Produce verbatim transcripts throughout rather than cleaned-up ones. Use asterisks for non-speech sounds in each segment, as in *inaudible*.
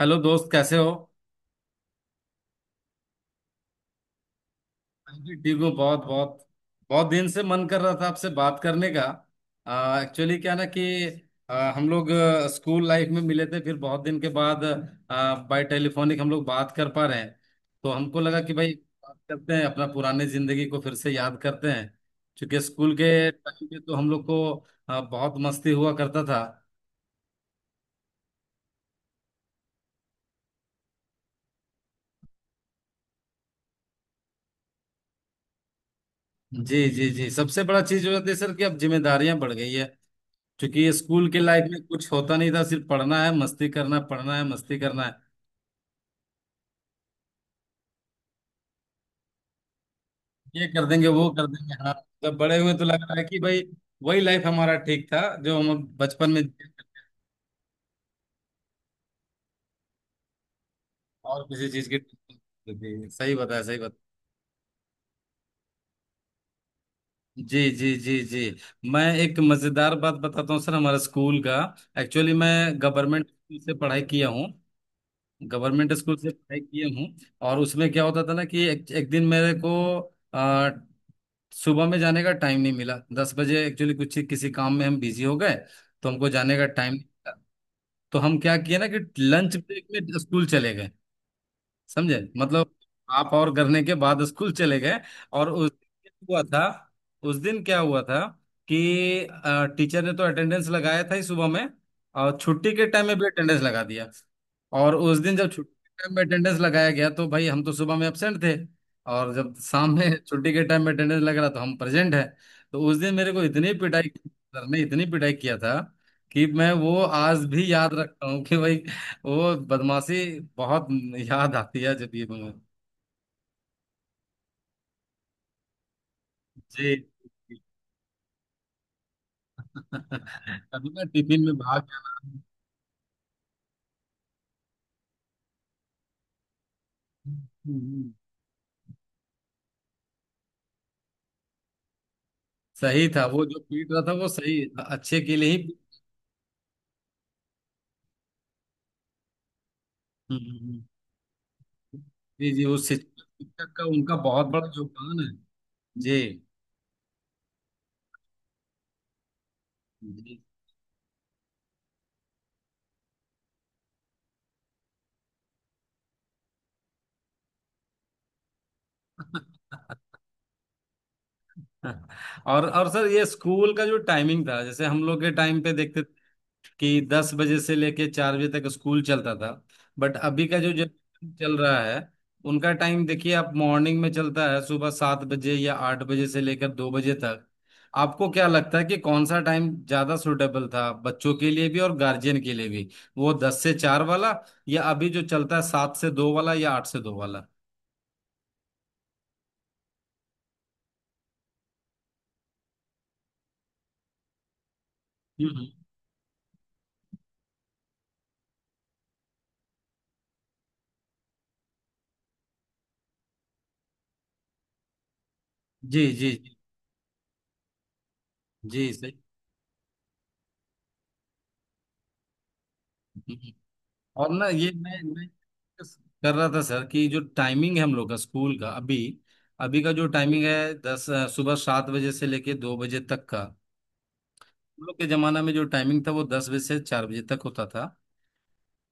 Hello दोस्त, कैसे हो। मैं भी ठीक हूँ, बहुत बहुत। बहुत दिन से मन कर रहा था आपसे बात करने का। एक्चुअली क्या ना कि आ, हम लोग आ, स्कूल लाइफ में मिले थे, फिर बहुत दिन के बाद आ, बाय टेलीफोनिक हम लोग बात कर पा रहे हैं। तो हमको लगा कि भाई बात करते हैं, अपना पुराने जिंदगी को फिर से याद करते हैं। क्योंकि स्कूल के टाइम पे तो हम लोग को आ, बहुत मस्ती हुआ करता था। जी जी जी, सबसे बड़ा चीज हो जाती है सर कि अब जिम्मेदारियां बढ़ गई है। क्योंकि स्कूल के लाइफ में कुछ होता नहीं था, सिर्फ पढ़ना है मस्ती करना है, पढ़ना है मस्ती करना है। ये कर देंगे वो कर देंगे, हाँ। मतलब बड़े हुए तो लग रहा है कि भाई वही लाइफ हमारा ठीक था जो हम बचपन में जिए थे। और किसी चीज की। जी, सही बताया सही बताया। जी जी जी जी, मैं एक मजेदार बात बताता हूँ सर हमारे स्कूल का। एक्चुअली मैं गवर्नमेंट स्कूल से पढ़ाई किया हूँ। गवर्नमेंट स्कूल से पढ़ाई किया हूँ। और उसमें क्या होता था ना कि एक, एक दिन मेरे को सुबह में जाने का टाइम नहीं मिला, दस बजे एक्चुअली कुछ किसी काम में हम बिजी हो गए। तो हमको जाने का टाइम नहीं मिला। तो हम क्या किए ना कि लंच ब्रेक में स्कूल चले गए। समझे मतलब, आप और करने के बाद स्कूल चले गए। और उस दिन क्या हुआ था। उस दिन क्या हुआ था कि अ, टीचर ने तो अटेंडेंस लगाया था ही सुबह में, और छुट्टी के टाइम में भी अटेंडेंस लगा दिया। और उस दिन जब छुट्टी के टाइम में अटेंडेंस लगाया गया तो भाई हम तो सुबह में एबसेंट थे, और जब शाम में *laughs* छुट्टी के टाइम में अटेंडेंस लग रहा तो हम प्रेजेंट है। तो उस दिन मेरे को इतनी पिटाई, सर ने इतनी पिटाई किया था कि मैं वो आज भी याद रखता हूँ कि भाई वो बदमाशी बहुत याद आती है। जब ये बना- जी। *laughs* कभी मैं टिफिन में भाग जाना। सही था, वो जो पीट रहा था वो सही, अच्छे के लिए ही। हम्म, हम्म, हम्म। जी जी, उस शिक्षक शिक्षक का उनका बहुत बड़ा योगदान है। जी जी। *laughs* और और सर, ये स्कूल का जो टाइमिंग था जैसे हम लोग के टाइम पे देखते कि दस बजे से लेके चार बजे तक स्कूल चलता था। बट अभी का जो जनरेशन चल रहा है उनका टाइम देखिए, आप मॉर्निंग में चलता है सुबह सात बजे या आठ बजे से लेकर दो बजे तक। आपको क्या लगता है कि कौन सा टाइम ज्यादा सुटेबल था बच्चों के लिए भी और गार्जियन के लिए भी? वो दस से चार वाला, या अभी जो चलता है सात से दो वाला या आठ से दो वाला? हम्म। जी जी जी जी, सही। और ना ये मैं मैं focus कर रहा था सर कि जो टाइमिंग है हम लोग का स्कूल का अभी। अभी का जो टाइमिंग है दस अ, सुबह सात बजे से लेके दो बजे तक का। हम लोग के जमाना में जो टाइमिंग था वो दस बजे से चार बजे तक होता था।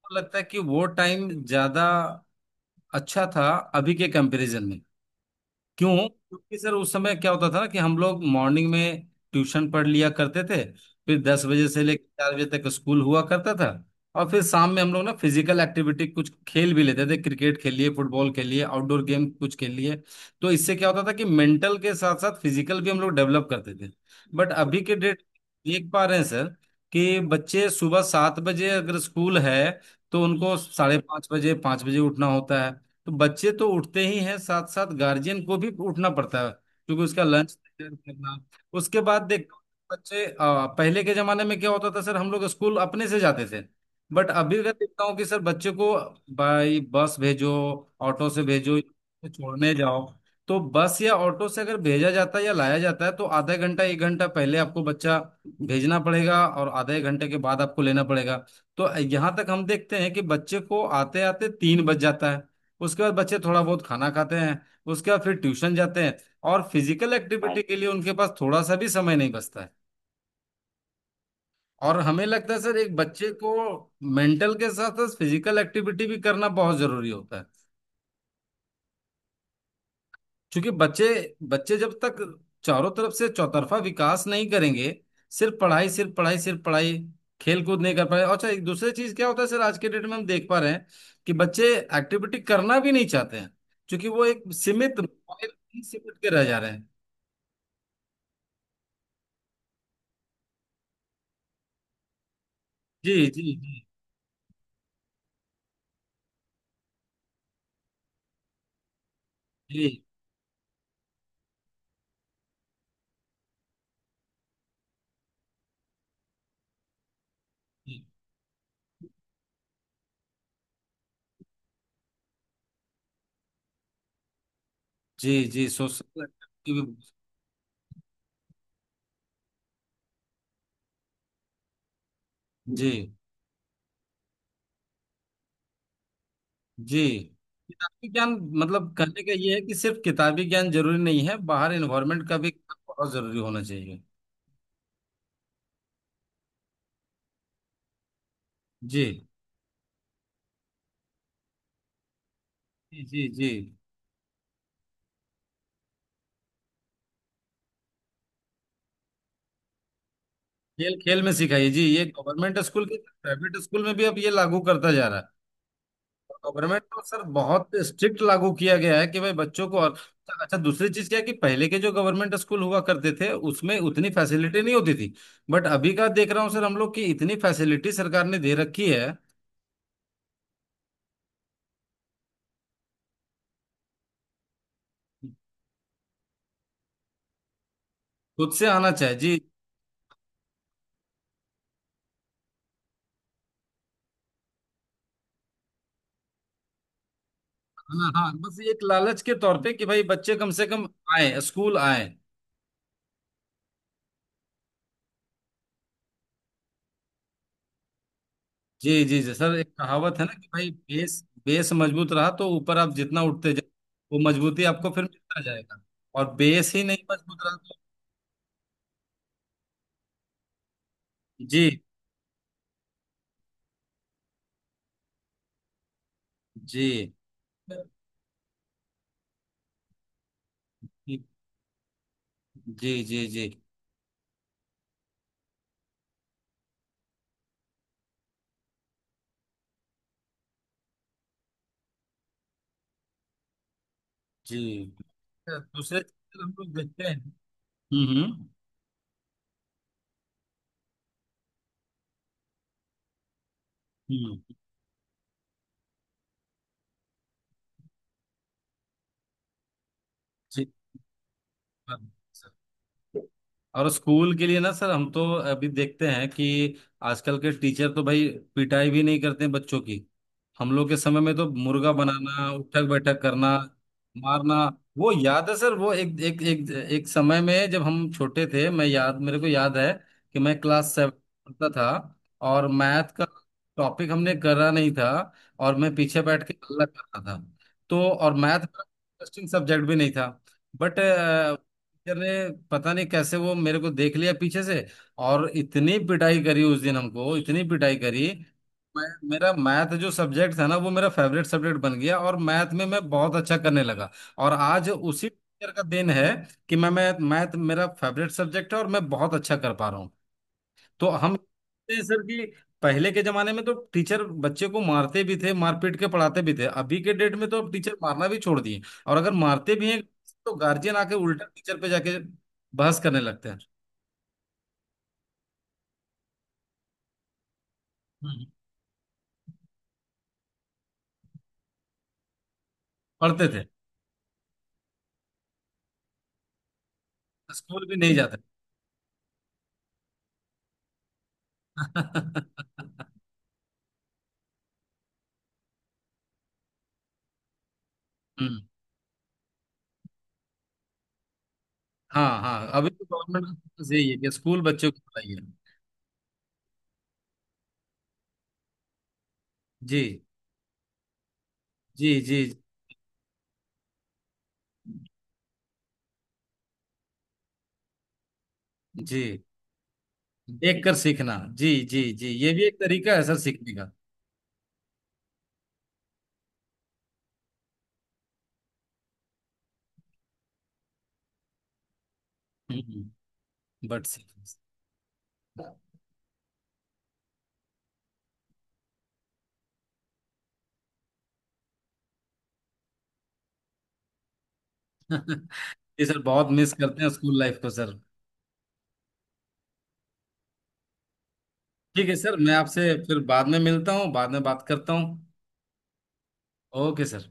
तो लगता है कि वो टाइम ज्यादा अच्छा था अभी के कंपैरिजन में। क्यों? क्योंकि सर, उस समय क्या होता था ना कि हम लोग मॉर्निंग में ट्यूशन पढ़ लिया करते थे, फिर दस बजे से लेकर चार बजे तक स्कूल हुआ करता था। और फिर शाम में हम लोग ना फिजिकल एक्टिविटी कुछ खेल भी लेते थे, क्रिकेट खेल लिए, फुटबॉल खेल लिए, आउटडोर गेम कुछ खेल लिए। तो इससे क्या होता था कि मेंटल के साथ साथ फिजिकल भी हम लोग डेवलप करते थे। बट अभी के डेट देख पा रहे हैं सर कि बच्चे सुबह सात बजे अगर स्कूल है तो उनको साढ़े पाँच बजे पाँच बजे उठना होता है। तो बच्चे तो उठते ही हैं, साथ साथ गार्जियन को भी उठना पड़ता है क्योंकि उसका लंच तैयार करना। उसके बाद देखो बच्चे अ, पहले के जमाने में क्या होता था सर, हम लोग स्कूल अपने से जाते थे। बट अभी का देखता हूँ कि सर बच्चे को बाई बस भेजो, ऑटो से भेजो, छोड़ने जाओ। तो बस या ऑटो से अगर भेजा जाता है या लाया जाता है तो आधा घंटा एक घंटा पहले आपको बच्चा भेजना पड़ेगा और आधा एक घंटे के बाद आपको लेना पड़ेगा। तो यहाँ तक हम देखते हैं कि बच्चे को आते आते तीन बज जाता है। उसके बाद बच्चे थोड़ा बहुत खाना खाते हैं। उसके बाद फिर ट्यूशन जाते हैं। और फिजिकल भाई एक्टिविटी के लिए उनके पास थोड़ा सा भी समय नहीं बचता है। और हमें लगता है सर एक बच्चे को मेंटल के साथ साथ फिजिकल एक्टिविटी भी करना बहुत जरूरी होता है। क्योंकि बच्चे बच्चे जब तक चारों तरफ से चौतरफा विकास नहीं करेंगे, सिर्फ पढ़ाई सिर्फ पढ़ाई सिर्फ पढ़ाई, खेल कूद नहीं कर पाए। और अच्छा, एक दूसरी चीज क्या होता है सर, आज के डेट में हम देख पा रहे हैं कि बच्चे एक्टिविटी करना भी नहीं चाहते हैं, क्योंकि वो एक सीमित मोबाइल ही सिमट के रह जा रहे हैं। जी जी जी जी जी जी जी, सोशल एक्टिविटी। जी जी, किताबी ज्ञान, मतलब कहने का ये है कि सिर्फ किताबी ज्ञान जरूरी नहीं है, बाहर एनवायरनमेंट का भी बहुत जरूरी होना चाहिए। जी जी जी जी, खेल खेल में सिखाइए जी, ये गवर्नमेंट स्कूल के प्राइवेट स्कूल में भी अब ये लागू करता जा रहा है। गवर्नमेंट तो सर बहुत स्ट्रिक्ट लागू किया गया है कि भाई बच्चों को। और अच्छा, दूसरी चीज क्या है कि पहले के जो गवर्नमेंट स्कूल हुआ करते थे उसमें उतनी फैसिलिटी नहीं होती थी, बट अभी का देख रहा हूँ सर हम लोग की इतनी फैसिलिटी सरकार ने दे रखी है। खुद से आना चाहिए जी। हाँ हाँ, बस एक लालच के तौर पे कि भाई बच्चे कम से कम आए, स्कूल आए। जी जी जी सर, एक कहावत है ना कि भाई बेस बेस मजबूत रहा तो ऊपर आप जितना उठते जाए, वो मजबूती आपको फिर मिलता जाएगा। और बेस ही नहीं मजबूत रहा तो। जी जी जी जी जी जी। दूसरे चैनल हम लोग देखते हैं। हम्म हम्म हम्म, जी। हाँ। और स्कूल के लिए ना सर, हम तो अभी देखते हैं कि आजकल के टीचर तो भाई पिटाई भी नहीं करते बच्चों की। हम लोग के समय में तो मुर्गा बनाना, उठक बैठक करना, मारना। वो याद है सर, वो एक एक एक एक समय में जब हम छोटे थे मैं याद मेरे को याद है कि मैं क्लास सेवन पढ़ता था, और मैथ का टॉपिक हमने करा नहीं था और मैं पीछे बैठ के हल्ला कर रहा था। तो और मैथ का इंटरेस्टिंग सब्जेक्ट भी नहीं था। बट अरे पता नहीं कैसे वो मेरे को देख लिया पीछे से, और इतनी पिटाई करी उस दिन, हमको इतनी पिटाई करी, मैं, मेरा मैथ जो सब्जेक्ट था ना वो मेरा फेवरेट सब्जेक्ट बन गया और मैथ में मैं बहुत अच्छा करने लगा। और आज उसी टीचर का दिन है कि मैं मैं मैथ मेरा फेवरेट सब्जेक्ट है और मैं बहुत अच्छा कर पा रहा हूँ। तो हम ये सर कि पहले के जमाने में तो टीचर बच्चे को मारते भी थे, मारपीट के पढ़ाते भी थे, अभी के डेट में तो अब टीचर मारना भी छोड़ दिए। और अगर मारते भी हैं तो गार्जियन आके उल्टा टीचर पे जाके बहस करने लगते हैं। हम्म। पढ़ते थे। स्कूल भी नहीं जाते। *laughs* हम्म। हाँ हाँ, अभी तो गवर्नमेंट यही है कि स्कूल बच्चों को पढ़ाइए। जी जी जी जी, देख कर सीखना, जी जी जी, ये भी एक तरीका है सर सीखने का। हम्म बट सीख। *laughs* जी सर, बहुत मिस करते हैं स्कूल लाइफ को सर। ठीक है सर, मैं आपसे फिर बाद में मिलता हूँ, बाद में बात करता हूँ। Okay sir.